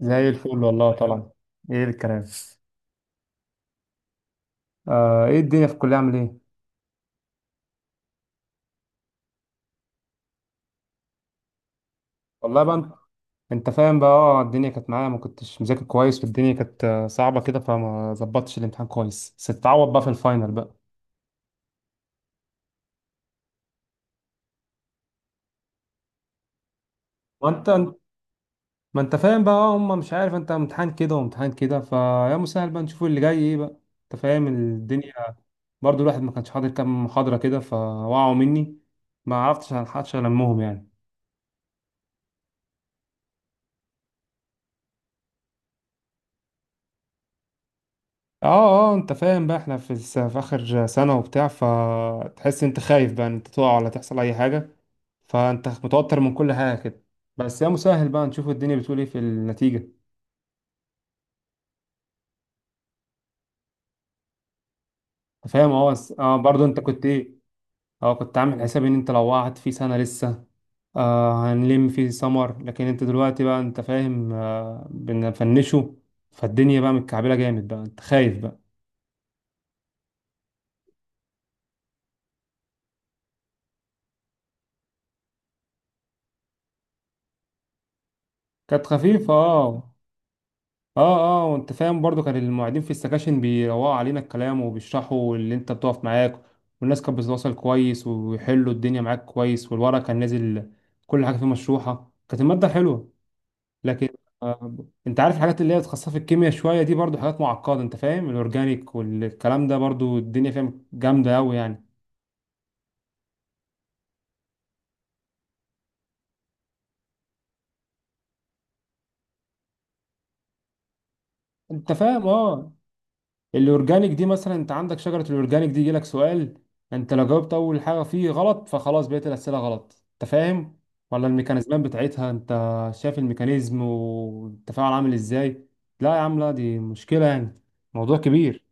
زي الفل والله طبعا. ايه الكلام؟ ايه الدنيا في الكليه، عامل ايه؟ والله بقى. أنت فاهم بقى، الدنيا كانت معايا، ما كنتش مذاكر كويس، والدنيا كانت صعبه كده، فما ظبطتش الامتحان كويس بس تتعوض بقى في الفاينل بقى. وانت؟ ما انت فاهم بقى، هم مش عارف. انت امتحان كده وامتحان كده، فيا مسهل بقى نشوف اللي جاي ايه بقى. انت فاهم الدنيا. برضو الواحد ما كانش حاضر كام محاضره كده، فوقعوا مني. ما عرفتش الحقش، المهم يعني. اه اه انت فاهم بقى، احنا في اخر سنة وبتاع، فتحس انت خايف بقى ان انت تقع ولا تحصل اي حاجة. فانت متوتر من كل حاجة كده. بس يا مسهل بقى، نشوف الدنيا بتقول ايه في النتيجة. أنت فاهم. برضو انت كنت ايه؟ اه كنت عامل حساب ان انت لو وقعت في سنة لسه، هنلم في سمر. لكن انت دلوقتي بقى، انت فاهم، بنفنشه. فالدنيا بقى متكعبلة جامد بقى، انت خايف بقى. كانت خفيفة، اه. اه وانت فاهم، برضو كان المعيدين في السكاشن بيروقوا علينا الكلام، وبيشرحوا اللي انت بتقف معاك، والناس كانت بتتواصل كويس، ويحلوا الدنيا معاك كويس، والورق كان نازل. كل حاجة فيه مشروحة. كانت المادة حلوة. لكن آه انت عارف، الحاجات اللي هي متخصصة في الكيمياء شوية دي برضو حاجات معقدة، انت فاهم، الاورجانيك والكلام ده برضو الدنيا فاهم جامدة أوي يعني. انت فاهم. اه الاورجانيك دي مثلا، انت عندك شجره الاورجانيك دي يجيلك سؤال، انت لو جاوبت اول حاجه فيه غلط، فخلاص بقيت الاسئله غلط، انت فاهم. ولا الميكانيزمات بتاعتها، انت شايف الميكانيزم والتفاعل عامل ازاي. لا يا عم، لا دي مشكله يعني، موضوع كبير.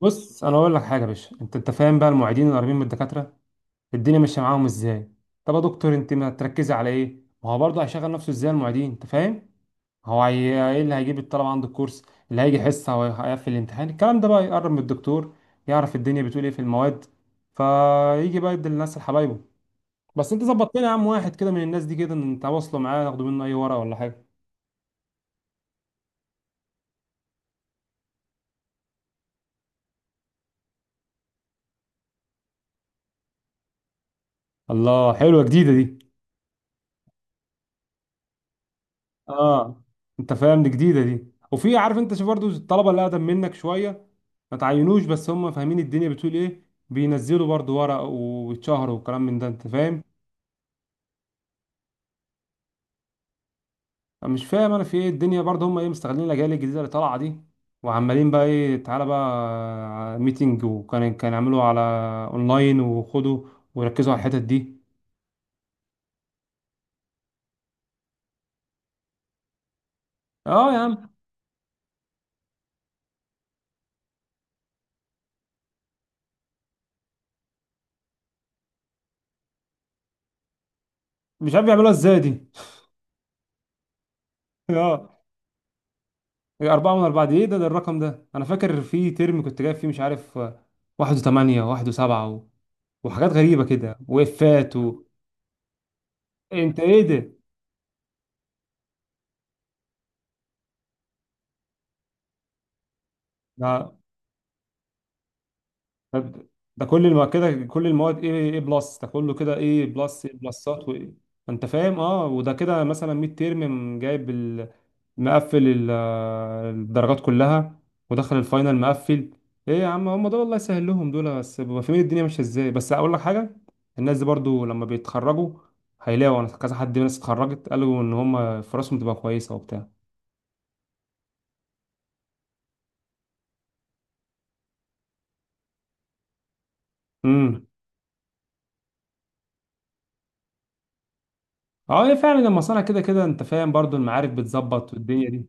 بص انا اقول لك حاجه يا باشا، انت فاهم بقى، المعيدين القريبين من الدكاتره، الدنيا ماشيه معاهم ازاي. طب يا دكتور، انت ما تركزي على ايه، ما هو برضه هيشغل نفسه ازاي المعيدين، انت فاهم. ايه اللي هيجيب الطلبة عنده الكورس؟ اللي هيجي حصة، هو هيقفل الامتحان، الكلام ده بقى يقرب من الدكتور، يعرف الدنيا بتقول ايه في المواد، فيجي بقى يدي للناس، لحبايبه. بس انت ظبط لنا يا عم واحد كده من الناس دي، كده انت واصله معاه، ناخده منه اي ورقة ولا حاجة. الله، حلوة جديدة دي. اه، انت فاهم، دي جديدة دي. وفي، عارف انت، شوف برضو الطلبة اللي اقدم منك شوية، ما تعينوش بس هم فاهمين الدنيا بتقول ايه، بينزلوا برضو ورق ويتشهروا والكلام من ده، انت فاهم. مش فاهم انا في ايه الدنيا برضه، هم ايه مستغلين الاجيال الجديده اللي طالعه دي، وعمالين بقى ايه، تعالى بقى ميتنج، وكان يعملوا على اونلاين، وخدوا، وركزوا على الحتت دي. اه يا عم، مش عارف يعملوها ازاي دي اه. أربعة من أربعة دي إيه ده، الرقم ده، أنا فاكر في ترم كنت جايب فيه مش عارف واحد وثمانية، واحد وسبعة وحاجات غريبة كده، وإفات إيه، أنت إيه ده؟ آه. طب ده كل كده كل المواد، ايه بلس، ده كله كده ايه بلس، ايه بلسات وايه؟ انت فاهم. اه وده كده مثلا ميد تيرم جايب مقفل ال... آه، الدرجات كلها، ودخل الفاينل مقفل. ايه يا عم، هم دول الله يسهل لهم، دول بس ببقى فاهمين الدنيا ماشيه ازاي، بس اقول لك حاجه. الناس دي برضو لما بيتخرجوا، هيلاقوا، انا كذا حد من الناس اتخرجت قالوا ان هم فرصهم تبقى كويسه وبتاع. امم اه هي فعلا المصانع كده كده، انت فاهم، برضو المعارف بتظبط والدنيا دي.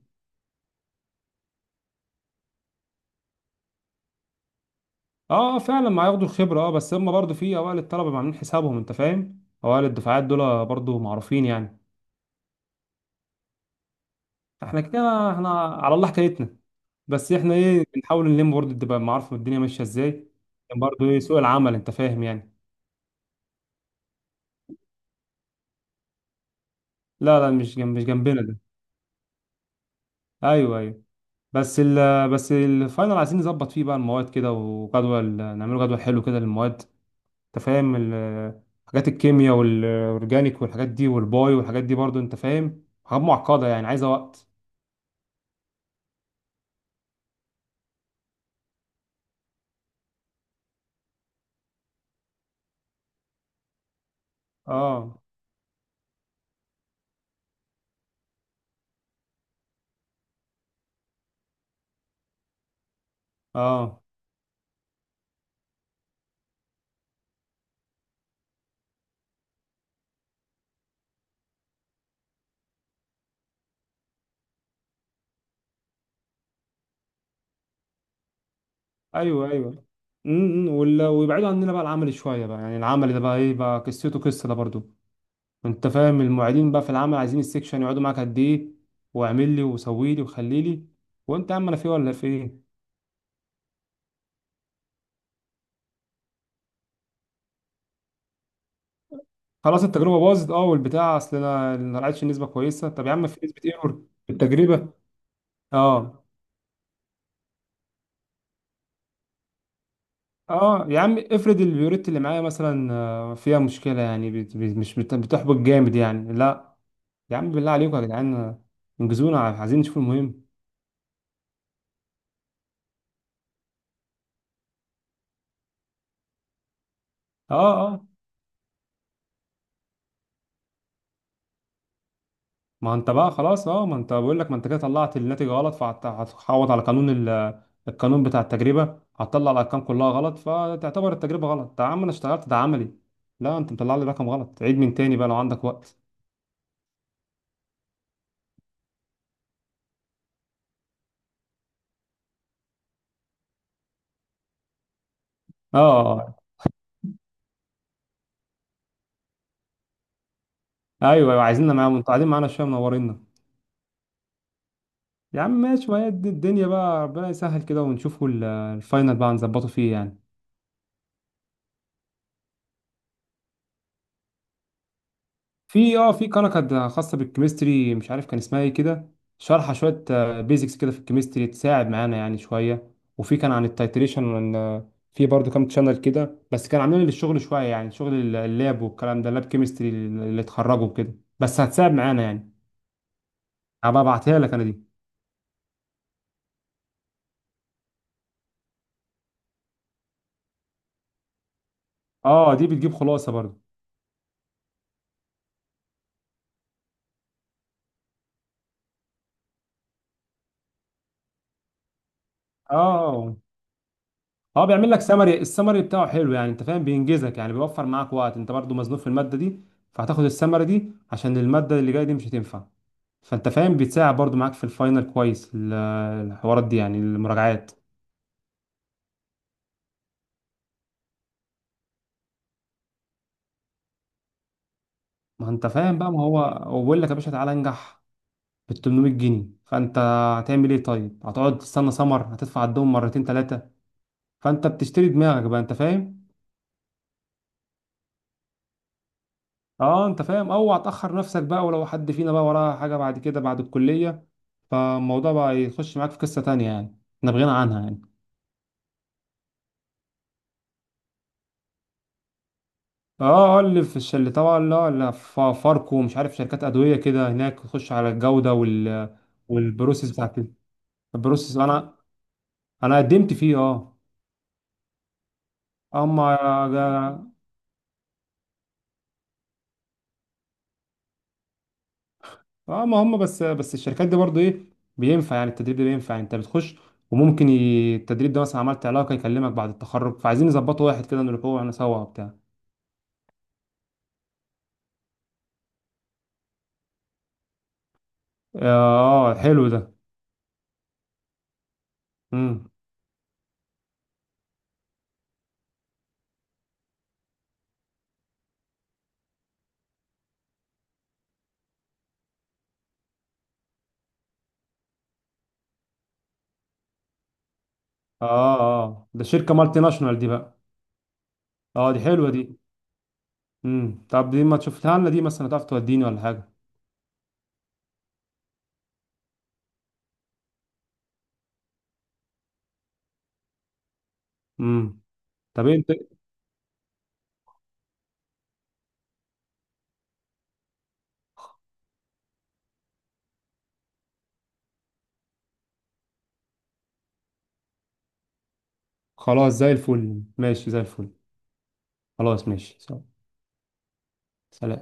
اه، فعلا ما هياخدوا الخبره. اه بس هم برضو في اوائل الطلبه ما عاملين حسابهم، انت فاهم، اوائل الدفعات دول برضو معروفين يعني. احنا كده، احنا على الله حكايتنا. بس احنا ايه بنحاول نلم، برضو تبقى معارف، الدنيا ماشيه ازاي. كان برضو ايه سوق العمل، انت فاهم يعني. لا، لا، مش جنبنا ده. ايوه، ايوه، بس ال بس الفاينل عايزين نظبط فيه بقى المواد كده، وجدول، نعمله جدول حلو كده للمواد. انت فاهم حاجات الكيمياء والاورجانيك والحاجات دي والباي والحاجات دي، برضو انت فاهم حاجات معقده يعني، عايزه وقت. اه، اه، ايوه، ايوه. ويبعدوا عننا بقى العملي شويه بقى، يعني العملي ده بقى ايه بقى قصته، قصه ده برضو. انت فاهم، المعيدين بقى في العمل عايزين السكشن يقعدوا معاك قد ايه، واعمل لي، وسوي لي، وخلي لي. وانت يا عم، انا في إيه ولا في ايه؟ خلاص التجربه باظت، والبتاع، اصل انا ما لقيتش نسبه كويسه، طب يا عم في نسبه ايرور في التجربه. اه اه يا عم، افرض البيوريت اللي معايا مثلا فيها مشكله يعني، بت- بت- مش بت- بتحبط جامد يعني، لا. يا عم بالله عليكم يا جدعان، انجزونا، عايزين نشوف المهم. اه اه ما انت بقى خلاص، ما انت بقول لك، ما انت كده طلعت الناتج غلط، فهتعوض على قانون القانون بتاع التجربه، هتطلع الارقام كلها غلط، فتعتبر التجربه غلط. يا عم انا اشتغلت، ده عملي. لا، انت مطلع لي رقم غلط، عيد من تاني بقى لو عندك وقت. اه اه آه. ايوه، ايوه، عايزيننا معاهم، انتوا قاعدين معانا شويه، منورينا. يا عم ماشي، ما هي دي الدنيا بقى، ربنا يسهل كده، ونشوفوا الفاينل بقى نظبطه فيه يعني. في قناه كانت خاصه بالكيمستري، مش عارف كان اسمها ايه كده، شارحه شويه، بيزكس كده في الكيمستري، تساعد معانا يعني شويه. وفي كان عن التيتريشن، وان في برضو كام تشانل كده، بس كان عاملين للشغل شويه يعني، شغل اللاب والكلام ده، لاب كيمستري اللي اتخرجوا كده، بس هتساعد معانا يعني. هبقى ابعتها لك انا دي. اه، دي بتجيب خلاصه برضو. اه اه بيعمل لك سمري، السمري بتاعه حلو يعني، انت فاهم، بينجزك يعني، بيوفر معاك وقت، انت برضو مزنوق في الماده دي، فهتاخد السمري دي عشان الماده اللي جايه دي مش هتنفع. فانت فاهم، بيتساعد برضو معاك في الفاينل كويس، الحوارات دي يعني، المراجعات. ما انت فاهم بقى، ما هو بيقول لك يا باشا، تعالى انجح بال 800 جنيه، فانت هتعمل ايه طيب، هتقعد تستنى سمر، هتدفع الدوم مرتين ثلاثه. فانت بتشتري دماغك بقى، انت فاهم. اه، انت فاهم، اوعى تاخر نفسك بقى، ولو حد فينا بقى وراه حاجه بعد كده بعد الكليه، فالموضوع بقى يخش معاك في قصه تانيه يعني، احنا بغنى عنها يعني. اه اه اللي طبعا، لا، لا، فاركو ومش عارف، شركات ادويه كده هناك، تخش على الجوده والبروسيس بتاعت البروسيس، انا قدمت فيه، اه. هم اه ما هم بس الشركات دي برضو ايه، بينفع يعني، التدريب ده بينفع، انت بتخش. وممكن التدريب ده مثلا عملت علاقه يكلمك بعد التخرج، فعايزين نظبطه واحد كده، نروح هو انا سوا بتاع. اه، حلو ده. امم ده شركه مالتي ناشونال دي بقى. اه، دي حلوه دي. طب دي ما تشوفتها لنا دي مثلا، تعرف توديني ولا حاجه؟ امم طب انت. خلاص، زي الفل، ماشي زي الفل. خلاص ماشي. سلام.